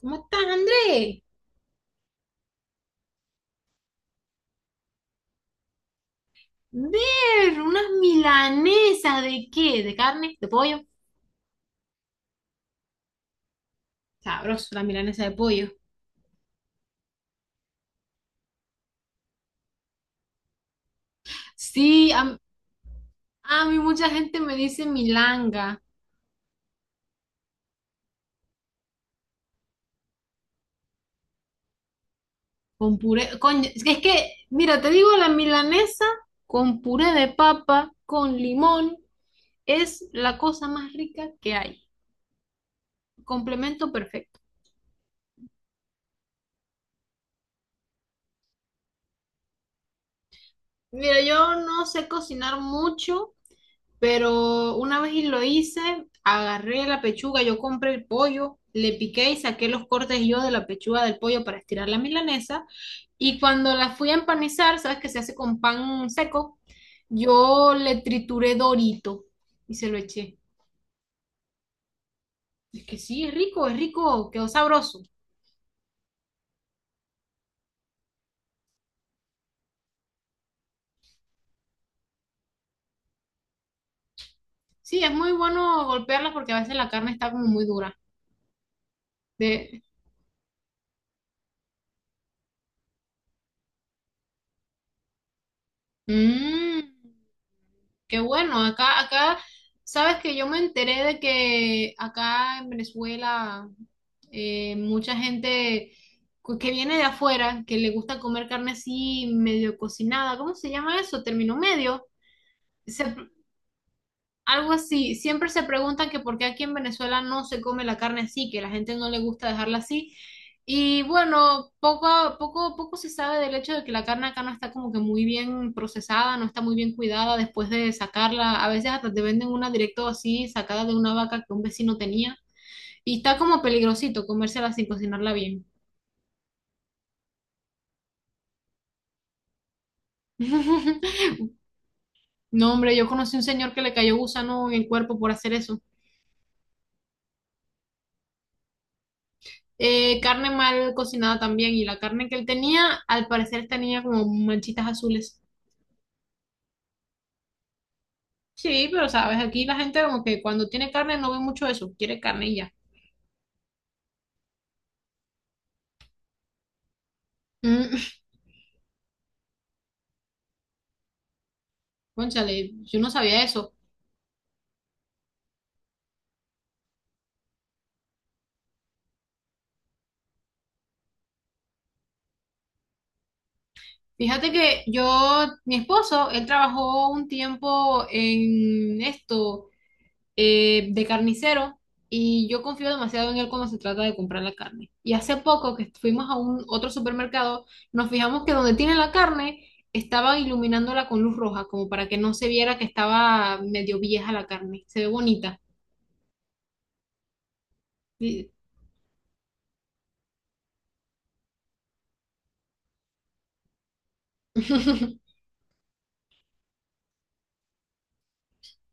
¿Cómo estás, Andrés? Ver, unas milanesas ¿de qué? ¿De carne? ¿De pollo? Sabroso, la milanesa de pollo. Sí, a mí mucha gente me dice milanga con puré. Coño, es que, mira, te digo, la milanesa con puré de papa, con limón, es la cosa más rica que hay. Complemento perfecto. Mira, yo no sé cocinar mucho. Pero una vez y lo hice, agarré la pechuga, yo compré el pollo, le piqué y saqué los cortes yo de la pechuga del pollo para estirar la milanesa. Y cuando la fui a empanizar, sabes que se hace con pan seco, yo le trituré Dorito y se lo eché. Es que sí, es rico, quedó sabroso. Sí, es muy bueno golpearla porque a veces la carne está como muy dura. De... Mm. Qué bueno, sabes que yo me enteré de que acá en Venezuela mucha gente que viene de afuera, que le gusta comer carne así medio cocinada, ¿cómo se llama eso? Término medio. Se Algo así, siempre se preguntan que por qué aquí en Venezuela no se come la carne así, que la gente no le gusta dejarla así. Y bueno, poco se sabe del hecho de que la carne acá no está como que muy bien procesada, no está muy bien cuidada después de sacarla. A veces hasta te venden una directo así, sacada de una vaca que un vecino tenía. Y está como peligrosito comérsela sin cocinarla bien. No, hombre, yo conocí un señor que le cayó gusano en el cuerpo por hacer eso. Carne mal cocinada también. Y la carne que él tenía, al parecer tenía como manchitas azules. Sí, pero sabes, aquí la gente como que cuando tiene carne no ve mucho eso, quiere carne y ya. Mm. Cónchale, yo no sabía eso. Fíjate que yo, mi esposo, él trabajó un tiempo en esto. De carnicero, y yo confío demasiado en él cuando se trata de comprar la carne. Y hace poco que fuimos a un otro supermercado, nos fijamos que donde tiene la carne estaba iluminándola con luz roja, como para que no se viera que estaba medio vieja la carne. Se ve bonita. Y-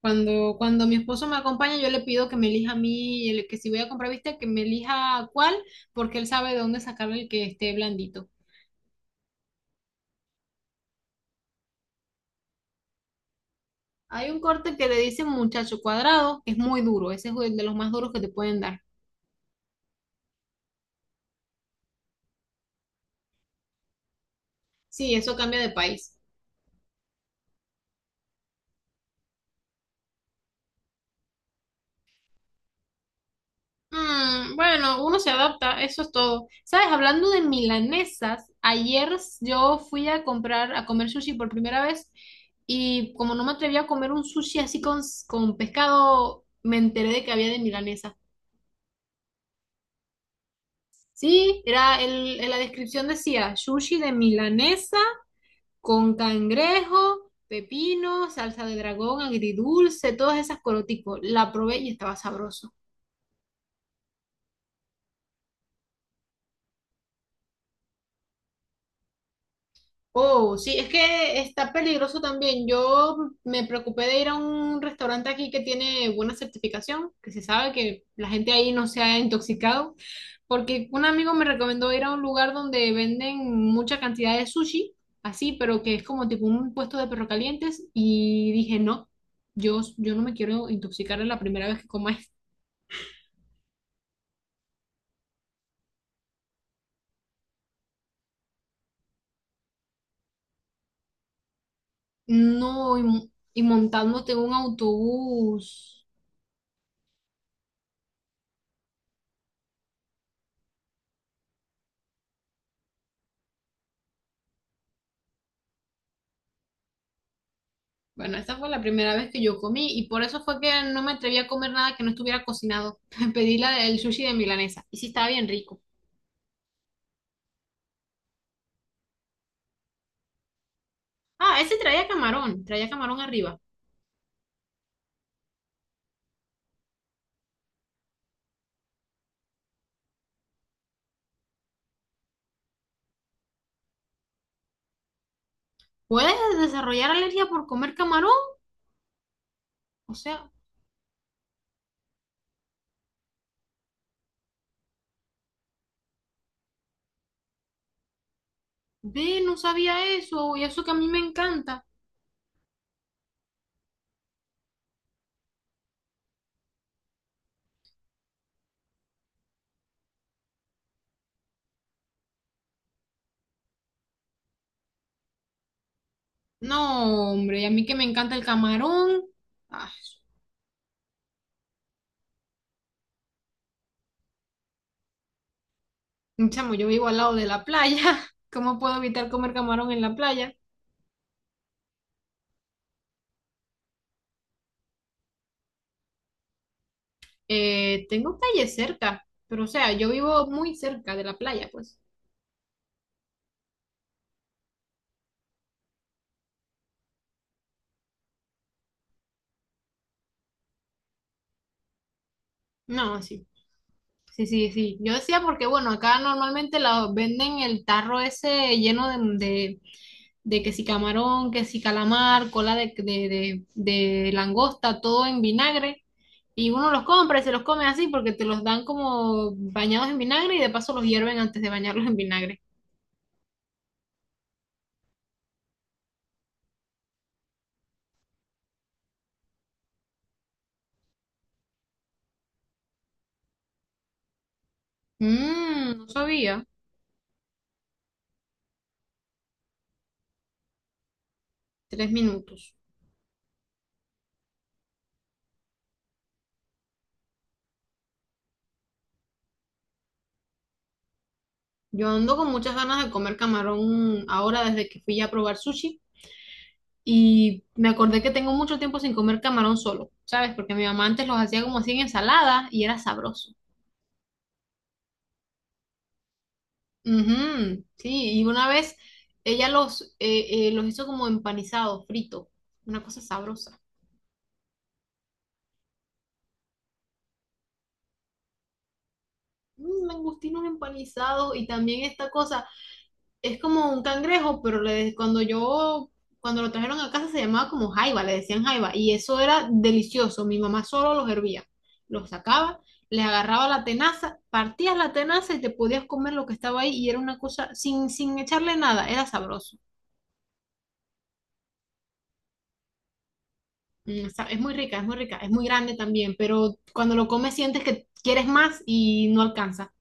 cuando mi esposo me acompaña, yo le pido que me elija a mí, que si voy a comprar viste, que me elija cuál, porque él sabe de dónde sacar el que esté blandito. Hay un corte que le dicen muchacho cuadrado, que es muy duro, ese es el de los más duros que te pueden dar. Sí, eso cambia de país. Mm, bueno, uno se adapta, eso es todo. ¿Sabes? Hablando de milanesas, ayer yo fui a comprar, a comer sushi por primera vez, y como no me atreví a comer un sushi así con pescado, me enteré de que había de milanesa. Sí, era el, en la descripción decía sushi de milanesa con cangrejo, pepino, salsa de dragón, agridulce, todas esas corotico. La probé y estaba sabroso. Oh, sí, es que está peligroso también. Yo me preocupé de ir a un restaurante aquí que tiene buena certificación, que se sabe que la gente ahí no se ha intoxicado, porque un amigo me recomendó ir a un lugar donde venden mucha cantidad de sushi, así, pero que es como tipo un puesto de perro calientes, y dije, no, yo no me quiero intoxicar en la primera vez que coma. No, y montándote en un autobús. Bueno, esa fue la primera vez que yo comí y por eso fue que no me atreví a comer nada que no estuviera cocinado. Pedí el sushi de milanesa y sí estaba bien rico. Ah, ese traía camarón arriba. ¿Puedes desarrollar alergia por comer camarón? O sea, ve, no sabía eso y eso que a mí me encanta. No, hombre, y a mí que me encanta el camarón. Ay, chamo, yo vivo al lado de la playa. ¿Cómo puedo evitar comer camarón en la playa? Tengo calle cerca, pero o sea, yo vivo muy cerca de la playa, pues. No, sí. Sí, sí, sí. Yo decía porque, bueno, acá normalmente la venden el tarro ese lleno de, de, de que si camarón, que si calamar, cola de langosta, todo en vinagre. Y uno los compra y se los come así porque te los dan como bañados en vinagre y de paso los hierven antes de bañarlos en vinagre. Mmm, no sabía. Tres minutos. Yo ando con muchas ganas de comer camarón ahora desde que fui a probar sushi y me acordé que tengo mucho tiempo sin comer camarón solo, ¿sabes? Porque mi mamá antes los hacía como así en ensalada y era sabroso. Ujú, sí, y una vez ella los hizo como empanizados, frito, una cosa sabrosa. Mm, langostinos empanizados y también esta cosa. Es como un cangrejo, pero cuando yo, cuando lo trajeron a casa se llamaba como jaiba, le decían jaiba, y eso era delicioso. Mi mamá solo los hervía, los sacaba, les agarraba la tenaza, partías la tenaza y te podías comer lo que estaba ahí y era una cosa sin echarle nada, era sabroso. Mm, es muy rica, es muy rica, es muy grande también, pero cuando lo comes sientes que quieres más y no alcanza.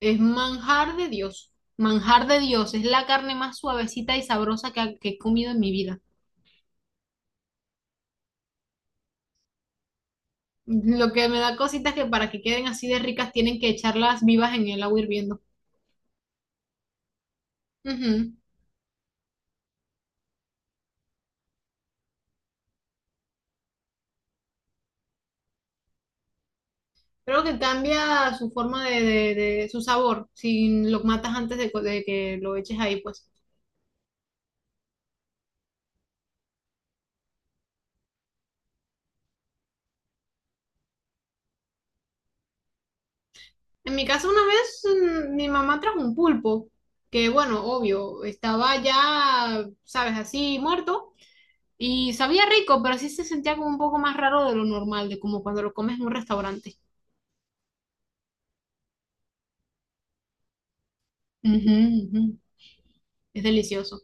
Es manjar de Dios, es la carne más suavecita y sabrosa que he comido en mi vida. Lo que me da cositas que para que queden así de ricas tienen que echarlas vivas en el agua hirviendo. Ujú. Creo que cambia su forma de, su sabor si lo matas antes de, de que lo eches ahí, pues. En mi casa una vez mi mamá trajo un pulpo, que bueno, obvio, estaba ya, sabes, así muerto y sabía rico, pero sí se sentía como un poco más raro de lo normal, de como cuando lo comes en un restaurante. Ujú, ujú. Es delicioso.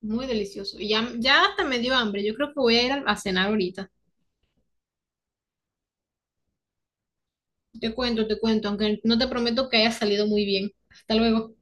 Muy delicioso. Y ya, ya hasta me dio hambre. Yo creo que voy a ir a cenar ahorita. Te cuento, aunque no te prometo que haya salido muy bien. Hasta luego.